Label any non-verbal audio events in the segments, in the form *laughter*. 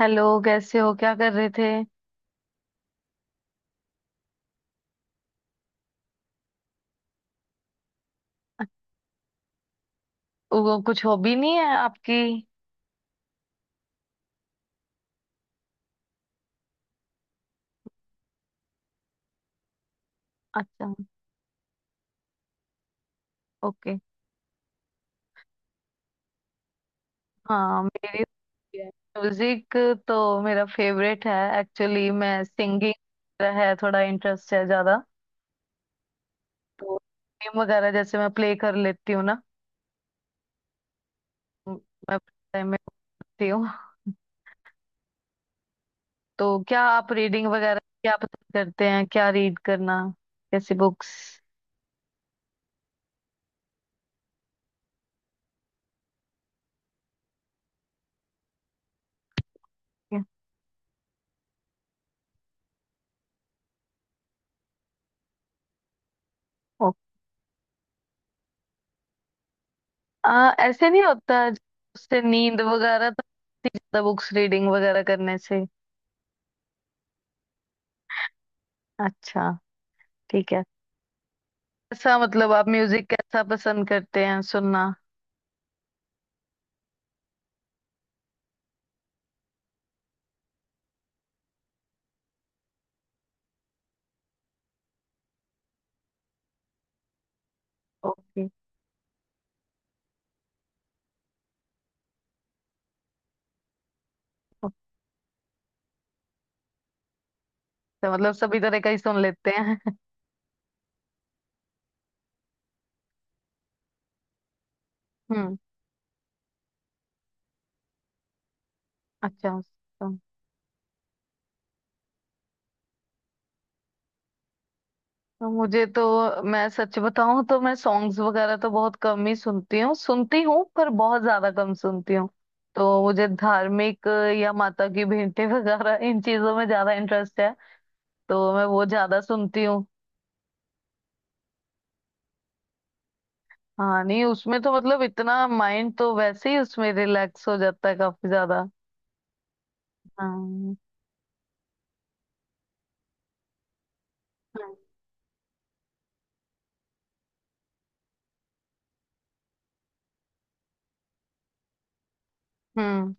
Hello, कैसे हो? क्या कर रहे थे? वो कुछ हॉबी नहीं है आपकी? अच्छा। ओके। हाँ, मेरी। म्यूजिक। तो मेरा फेवरेट है एक्चुअली। मैं सिंगिंग है, थोड़ा इंटरेस्ट है ज्यादा। तो गेम वगैरह जैसे मैं प्ले कर लेती हूँ ना। म- मैं टाइम में होती हूँ। तो क्या आप रीडिंग वगैरह क्या पसंद करते हैं? क्या रीड करना, कैसी बुक्स? ऐसे नहीं होता। उससे नींद वगैरह तो आती है ज्यादा, बुक्स रीडिंग वगैरह करने से। अच्छा। ठीक है। ऐसा मतलब आप म्यूजिक कैसा पसंद करते हैं सुनना? ओके। ओके, मतलब सभी तरह का ही सुन लेते हैं। *laughs* हम्म। अच्छा। तो, तो मुझे तो मैं सच बताऊं तो मैं सॉन्ग्स वगैरह तो बहुत कम ही सुनती हूँ पर बहुत ज्यादा कम सुनती हूँ। तो मुझे धार्मिक या माता की भेंटें *laughs* वगैरह इन चीजों में ज्यादा इंटरेस्ट है। तो मैं वो ज्यादा सुनती हूँ। हाँ नहीं उसमें तो मतलब इतना माइंड तो वैसे ही उसमें रिलैक्स हो जाता है काफी ज्यादा। हाँ। हम्म।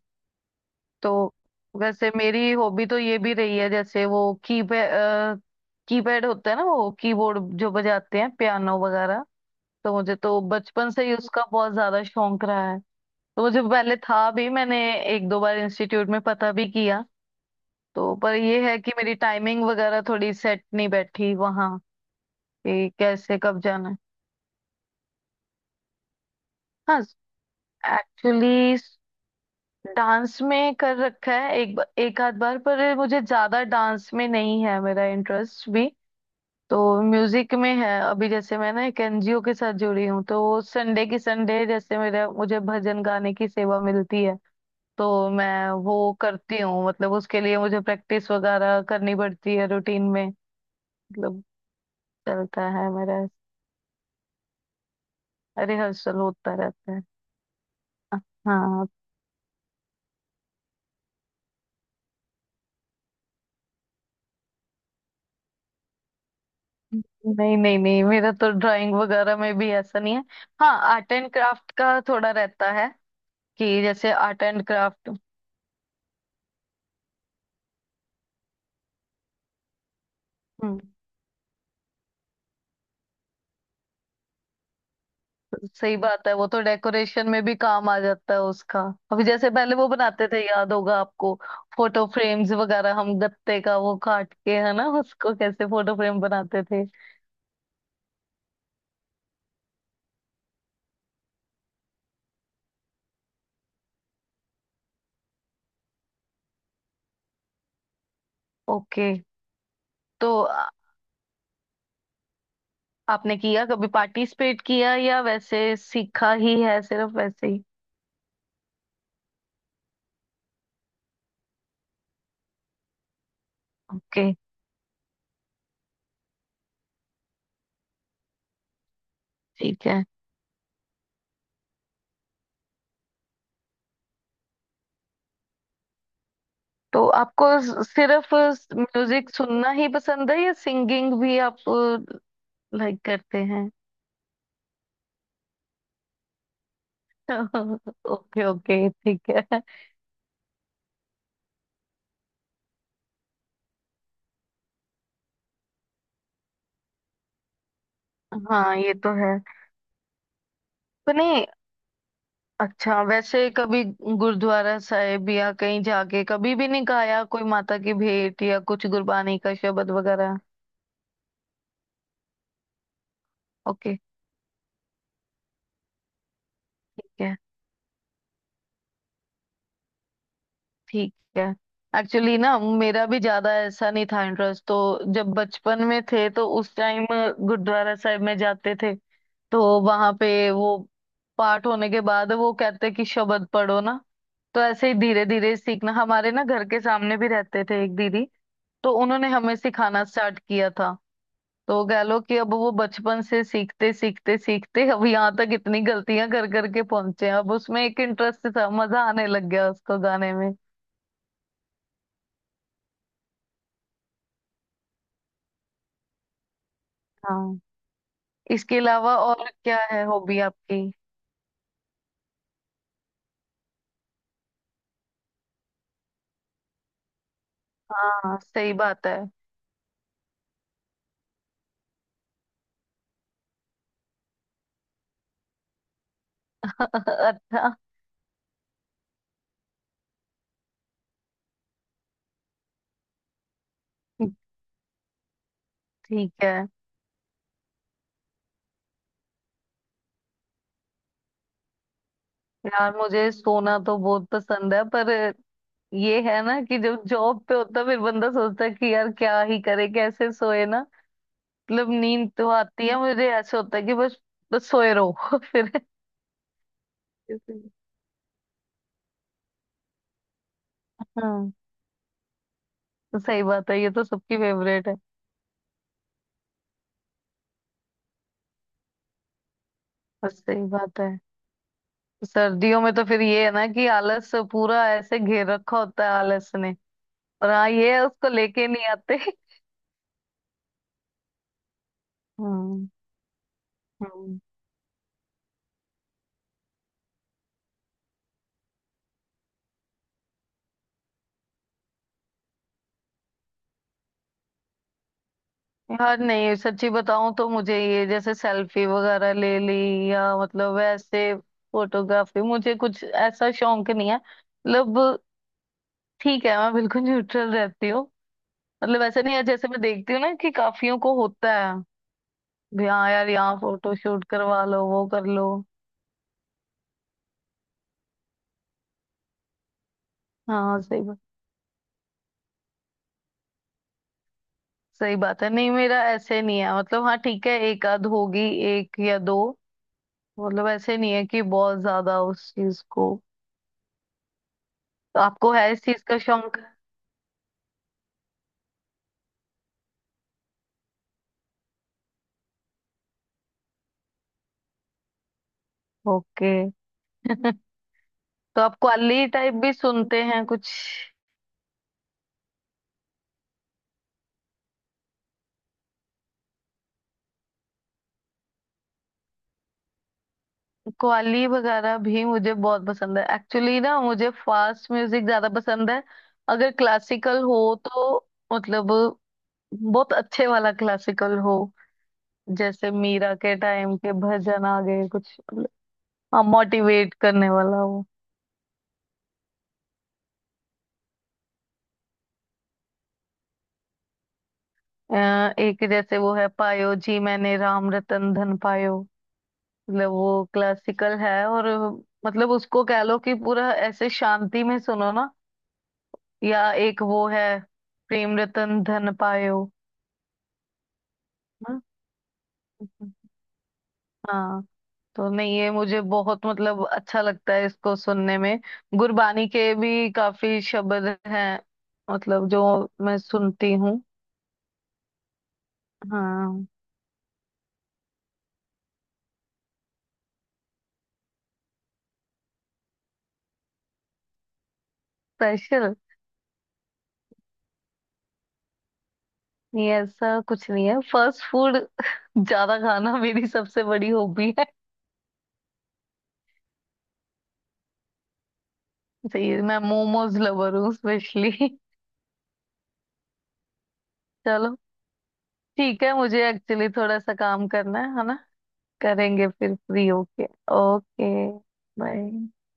तो वैसे मेरी हॉबी तो ये भी रही है जैसे वो कीपैड कीपैड होता है ना, वो कीबोर्ड जो बजाते हैं पियानो वगैरह। तो मुझे तो बचपन से ही उसका बहुत ज्यादा शौक रहा है। तो मुझे पहले था भी, मैंने एक दो बार इंस्टीट्यूट में पता भी किया। तो पर ये है कि मेरी टाइमिंग वगैरह थोड़ी सेट नहीं बैठी वहाँ, कि कैसे कब जाना है। हाँ। एक्चुअली डांस में कर रखा है एक आध बार, पर मुझे ज्यादा डांस में नहीं है मेरा इंटरेस्ट भी। तो म्यूजिक में है अभी जैसे मैं ना एक एनजीओ के साथ जुड़ी हूँ, तो वो संडे की संडे जैसे मेरा मुझे भजन गाने की सेवा मिलती है। तो मैं वो करती हूँ, मतलब उसके लिए मुझे प्रैक्टिस वगैरह करनी पड़ती है रूटीन में। मतलब चलता है मेरा, रिहर्सल होता रहता है। हाँ। नहीं नहीं नहीं, मेरा तो ड्राइंग वगैरह में भी ऐसा नहीं है। हाँ आर्ट एंड क्राफ्ट का थोड़ा रहता है, कि जैसे आर्ट एंड क्राफ्ट। हम्म। सही बात है, वो तो डेकोरेशन में भी काम आ जाता है उसका। अभी जैसे पहले वो बनाते थे, याद होगा आपको, फोटो फ्रेम्स वगैरह हम गत्ते का वो काट के, है ना, उसको कैसे फोटो फ्रेम बनाते थे। ओके। तो आपने किया कभी पार्टिसिपेट किया या वैसे सीखा ही है सिर्फ वैसे ही? ओके, ठीक है। तो आपको सिर्फ म्यूजिक सुनना ही पसंद है या सिंगिंग भी आप लाइक करते हैं? *laughs* ओके, ओके, ठीक है। हाँ, ये तो है। तो नहीं। अच्छा, वैसे कभी गुरुद्वारा साहिब या कहीं जाके कभी भी नहीं गाया कोई माता की भेंट या कुछ गुरबानी का शब्द वगैरह? ओके। ठीक है। ठीक है। एक्चुअली ना मेरा भी ज्यादा ऐसा नहीं था इंटरेस्ट, तो जब बचपन में थे तो उस टाइम गुरुद्वारा साहिब में जाते थे। तो वहां पे वो पाठ होने के बाद वो कहते कि शब्द पढ़ो ना। तो ऐसे ही धीरे धीरे सीखना, हमारे ना घर के सामने भी रहते थे एक दीदी। तो उन्होंने हमें सिखाना स्टार्ट किया था। तो कह लो कि अब वो बचपन से सीखते सीखते सीखते अब यहाँ तक इतनी गलतियां कर करके पहुंचे हैं। अब उसमें एक इंटरेस्ट था, मजा आने लग गया उसको गाने में। हाँ। इसके अलावा और क्या है हॉबी आपकी? हाँ सही बात है। *laughs* अच्छा। ठीक है। यार मुझे सोना तो बहुत पसंद है, पर ये है ना कि जब जॉब पे होता फिर बंदा सोचता है कि यार क्या ही करे, कैसे सोए ना। मतलब नींद तो आती है मुझे, ऐसा होता है कि बस बस सोए रहो। *laughs* फिर इसलिए- हाँ। तो सही बात है, ये तो सबकी फेवरेट है। बस सही बात है। सर्दियों में तो फिर ये है ना कि आलस पूरा ऐसे घेर रखा होता है आलस ने। और हाँ ये है, उसको लेके नहीं आते। हाँ, हाँ। यार नहीं, सच्ची बताऊं तो मुझे ये जैसे सेल्फी वगैरह ले ली या मतलब ऐसे फोटोग्राफी, मुझे कुछ ऐसा शौक नहीं है मतलब। ठीक है, मैं बिल्कुल न्यूट्रल रहती हूँ। मतलब ऐसा नहीं है, जैसे मैं देखती हूँ ना कि काफियों को होता है भी, हाँ यार यहाँ फोटो शूट करवा लो, वो कर लो। हाँ सही बात। सही बात है, नहीं मेरा ऐसे नहीं है मतलब, हाँ ठीक है एक आध होगी, एक या दो। मतलब ऐसे नहीं है कि बहुत ज्यादा उस चीज को। तो आपको है इस चीज का शौक? ओके। *laughs* तो आप कव्वाली टाइप भी सुनते हैं कुछ? कव्वाली वगैरह भी मुझे बहुत पसंद है, एक्चुअली ना मुझे फास्ट म्यूजिक ज्यादा पसंद है। अगर क्लासिकल हो, तो मतलब बहुत अच्छे वाला क्लासिकल हो। जैसे मीरा के टाइम के भजन आ गए कुछ। हाँ, मोटिवेट करने वाला हो। अ, एक जैसे वो है पायो जी मैंने राम रतन धन पायो। मतलब वो क्लासिकल है, और मतलब उसको कह लो कि पूरा ऐसे शांति में सुनो ना। या एक वो है प्रेम रतन धन पायो ना? हाँ। तो नहीं ये मुझे बहुत मतलब अच्छा लगता है इसको सुनने में। गुरबानी के भी काफी शब्द हैं, मतलब जो मैं सुनती हूँ। हाँ। स्पेशल, नहीं ऐसा कुछ नहीं है, फास्ट फूड *laughs* ज्यादा खाना मेरी सबसे बड़ी हॉबी है। सही है, मैं मोमोज लवर हूँ स्पेशली। *laughs* चलो ठीक है, मुझे एक्चुअली थोड़ा सा काम करना है ना। करेंगे फिर फ्री होके। ओके। बाय।